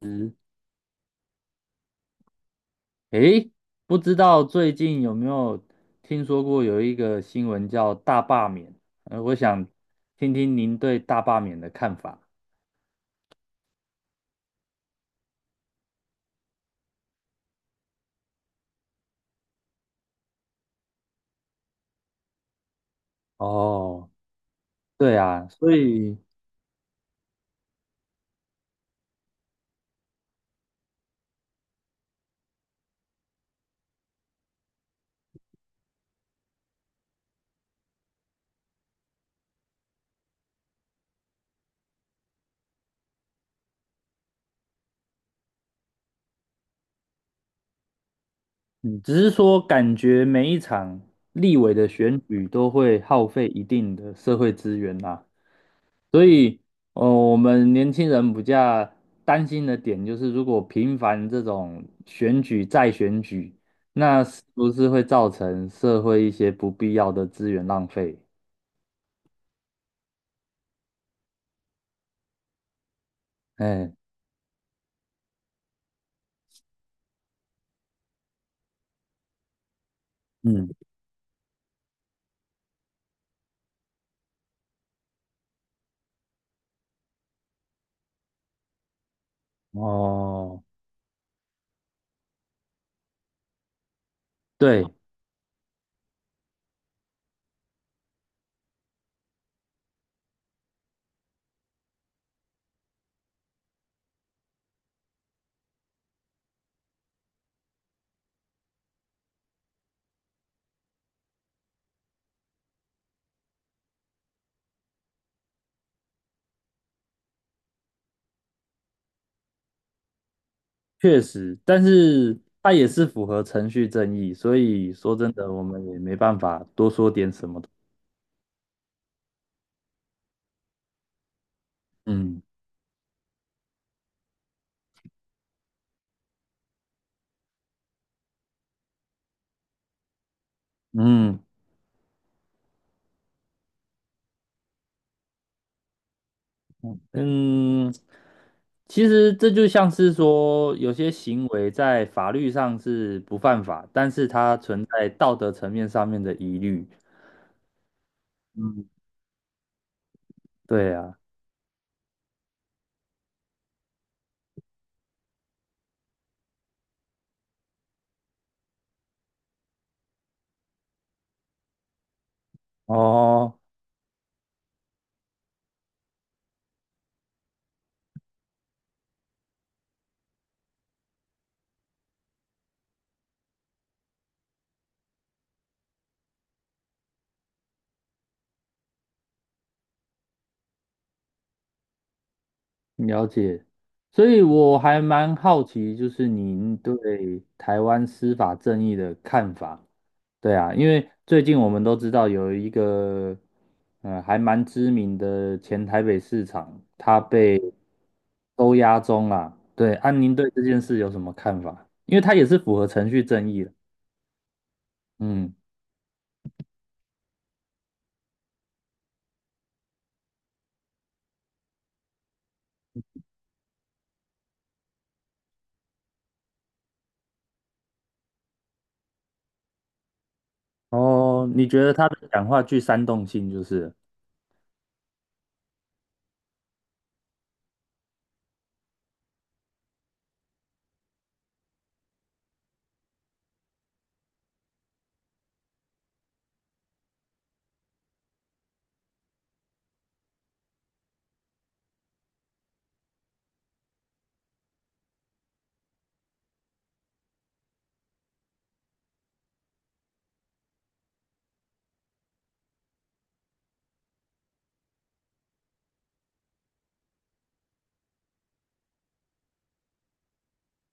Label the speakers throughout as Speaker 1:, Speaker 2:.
Speaker 1: 嗯，诶，不知道最近有没有听说过有一个新闻叫大罢免？我想听听您对大罢免的看法。哦，对啊，所以嗯只是说感觉每一场立委的选举都会耗费一定的社会资源啦。所以，我们年轻人比较担心的点就是，如果频繁这种选举再选举，那是不是会造成社会一些不必要的资源浪费？哎，嗯，哦，对，确实，但是它也是符合程序正义，所以说真的，我们也没办法多说点什么的。嗯嗯，嗯，其实这就像是说，有些行为在法律上是不犯法，但是它存在道德层面上面的疑虑。嗯，对啊，哦，了解。所以我还蛮好奇，就是您对台湾司法正义的看法。对啊，因为最近我们都知道有一个还蛮知名的前台北市长，他被收押中啦。对，安您对这件事有什么看法？因为他也是符合程序正义的。嗯，哦，你觉得他的讲话具煽动性就是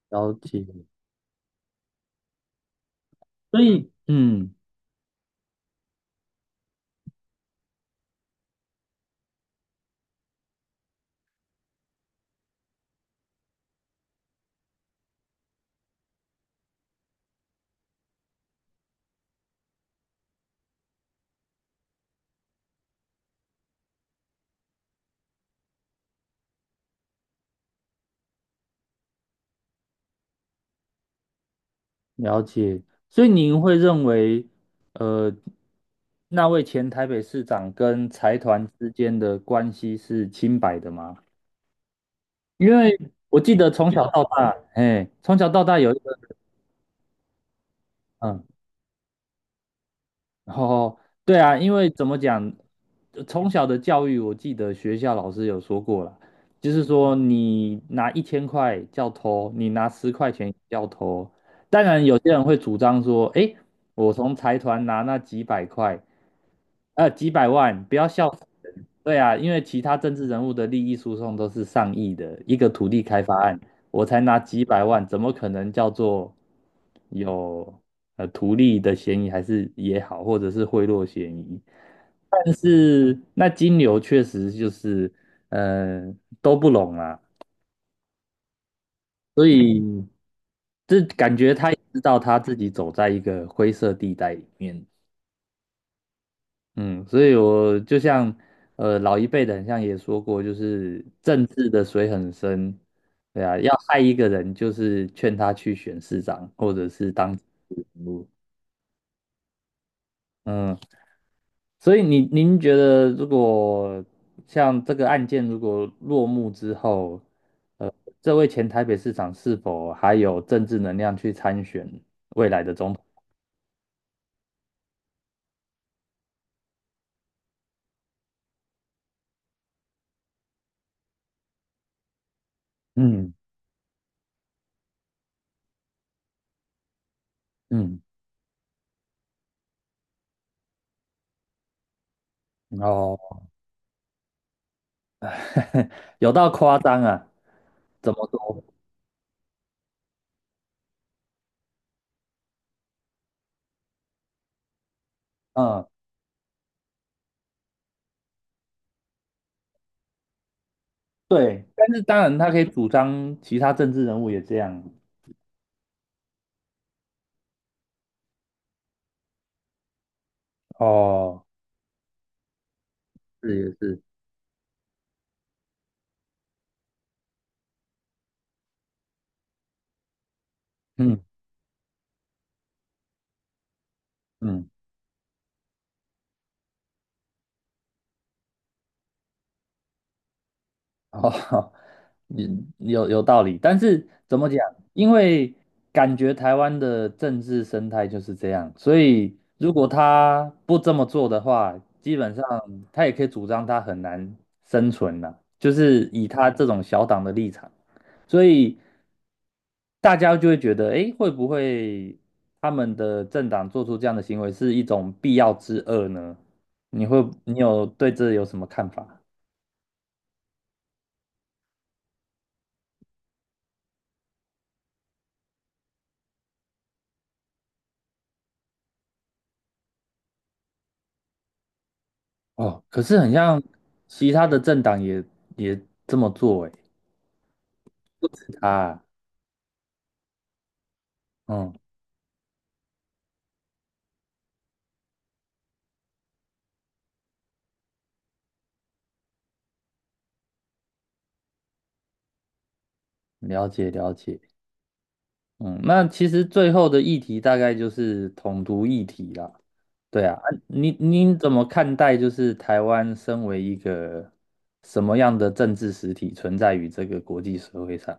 Speaker 1: 了解，所以嗯，了解。所以您会认为，呃，那位前台北市长跟财团之间的关系是清白的吗？因为我记得从小到大，哎，从小到大有一个，嗯，哦，对啊，因为怎么讲，从小的教育，我记得学校老师有说过啦，就是说你拿1000块叫偷，你拿10块钱叫偷。当然，有些人会主张说，哎，我从财团拿那几百块，几百万，不要笑死人。对啊，因为其他政治人物的利益输送都是上亿的一个土地开发案。我才拿几百万，怎么可能叫做有图利的嫌疑，还是也好，或者是贿赂嫌疑？但是那金牛确实就是呃都不拢啊，所以这感觉他也知道他自己走在一个灰色地带里面。嗯，所以我就像老一辈的，很像也说过，就是政治的水很深，对啊，要害一个人，就是劝他去选市长或者是当人物。嗯，所以您您觉得如果像这个案件如果落幕之后，呃，这位前台北市长是否还有政治能量去参选未来的总统？嗯嗯，哦，有到夸张啊，怎么说？嗯。对，但是当然他可以主张其他政治人物也这样。哦，是也是，嗯嗯，哦，你有道理，但是怎么讲？因为感觉台湾的政治生态就是这样，所以如果他不这么做的话，基本上他也可以主张他很难生存了，就是以他这种小党的立场，所以。大家就会觉得，诶，会不会他们的政党做出这样的行为是一种必要之恶呢？你会，你有对这有什么看法？哦，可是很像其他的政党也也这么做，诶，啊，嗯，了解了解。嗯，那其实最后的议题大概就是统独议题啦，对啊，啊你你怎么看待就是台湾身为一个什么样的政治实体存在于这个国际社会上？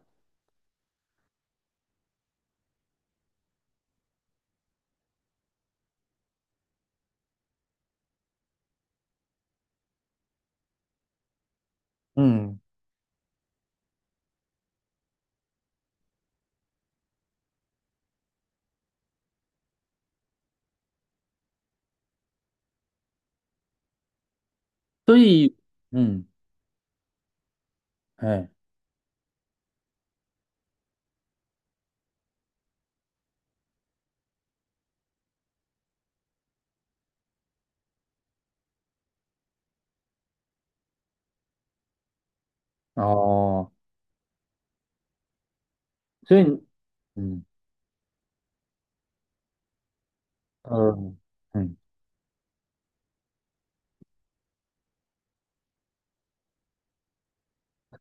Speaker 1: 嗯，所以，嗯，哎，哦，所以，嗯，呃，嗯，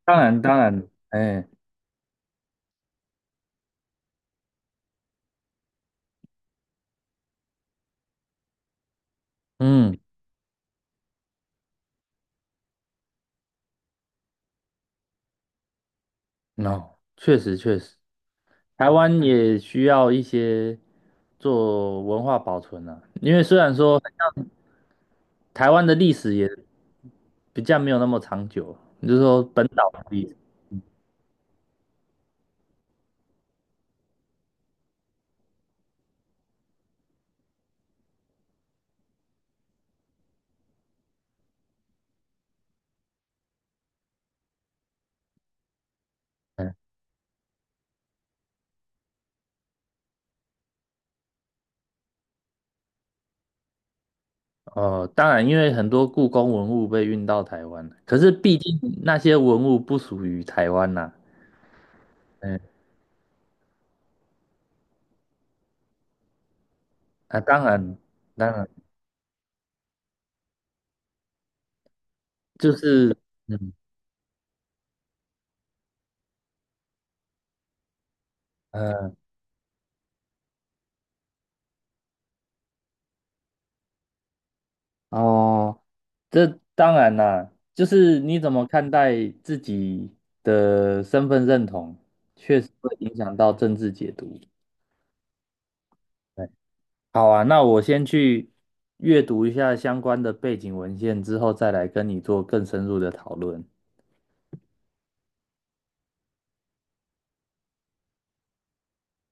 Speaker 1: 当然，当然，哎，嗯，哦，确实，确实，台湾也需要一些做文化保存啊，因为虽然说台湾的历史也比较没有那么长久，你就说本岛的历史。嗯哦，当然，因为很多故宫文物被运到台湾，可是毕竟那些文物不属于台湾呐、嗯，啊，当然。当然。就是嗯嗯哦，这当然啦，就是你怎么看待自己的身份认同，确实会影响到政治解读。对，好啊，那我先去阅读一下相关的背景文献，之后再来跟你做更深入的讨论。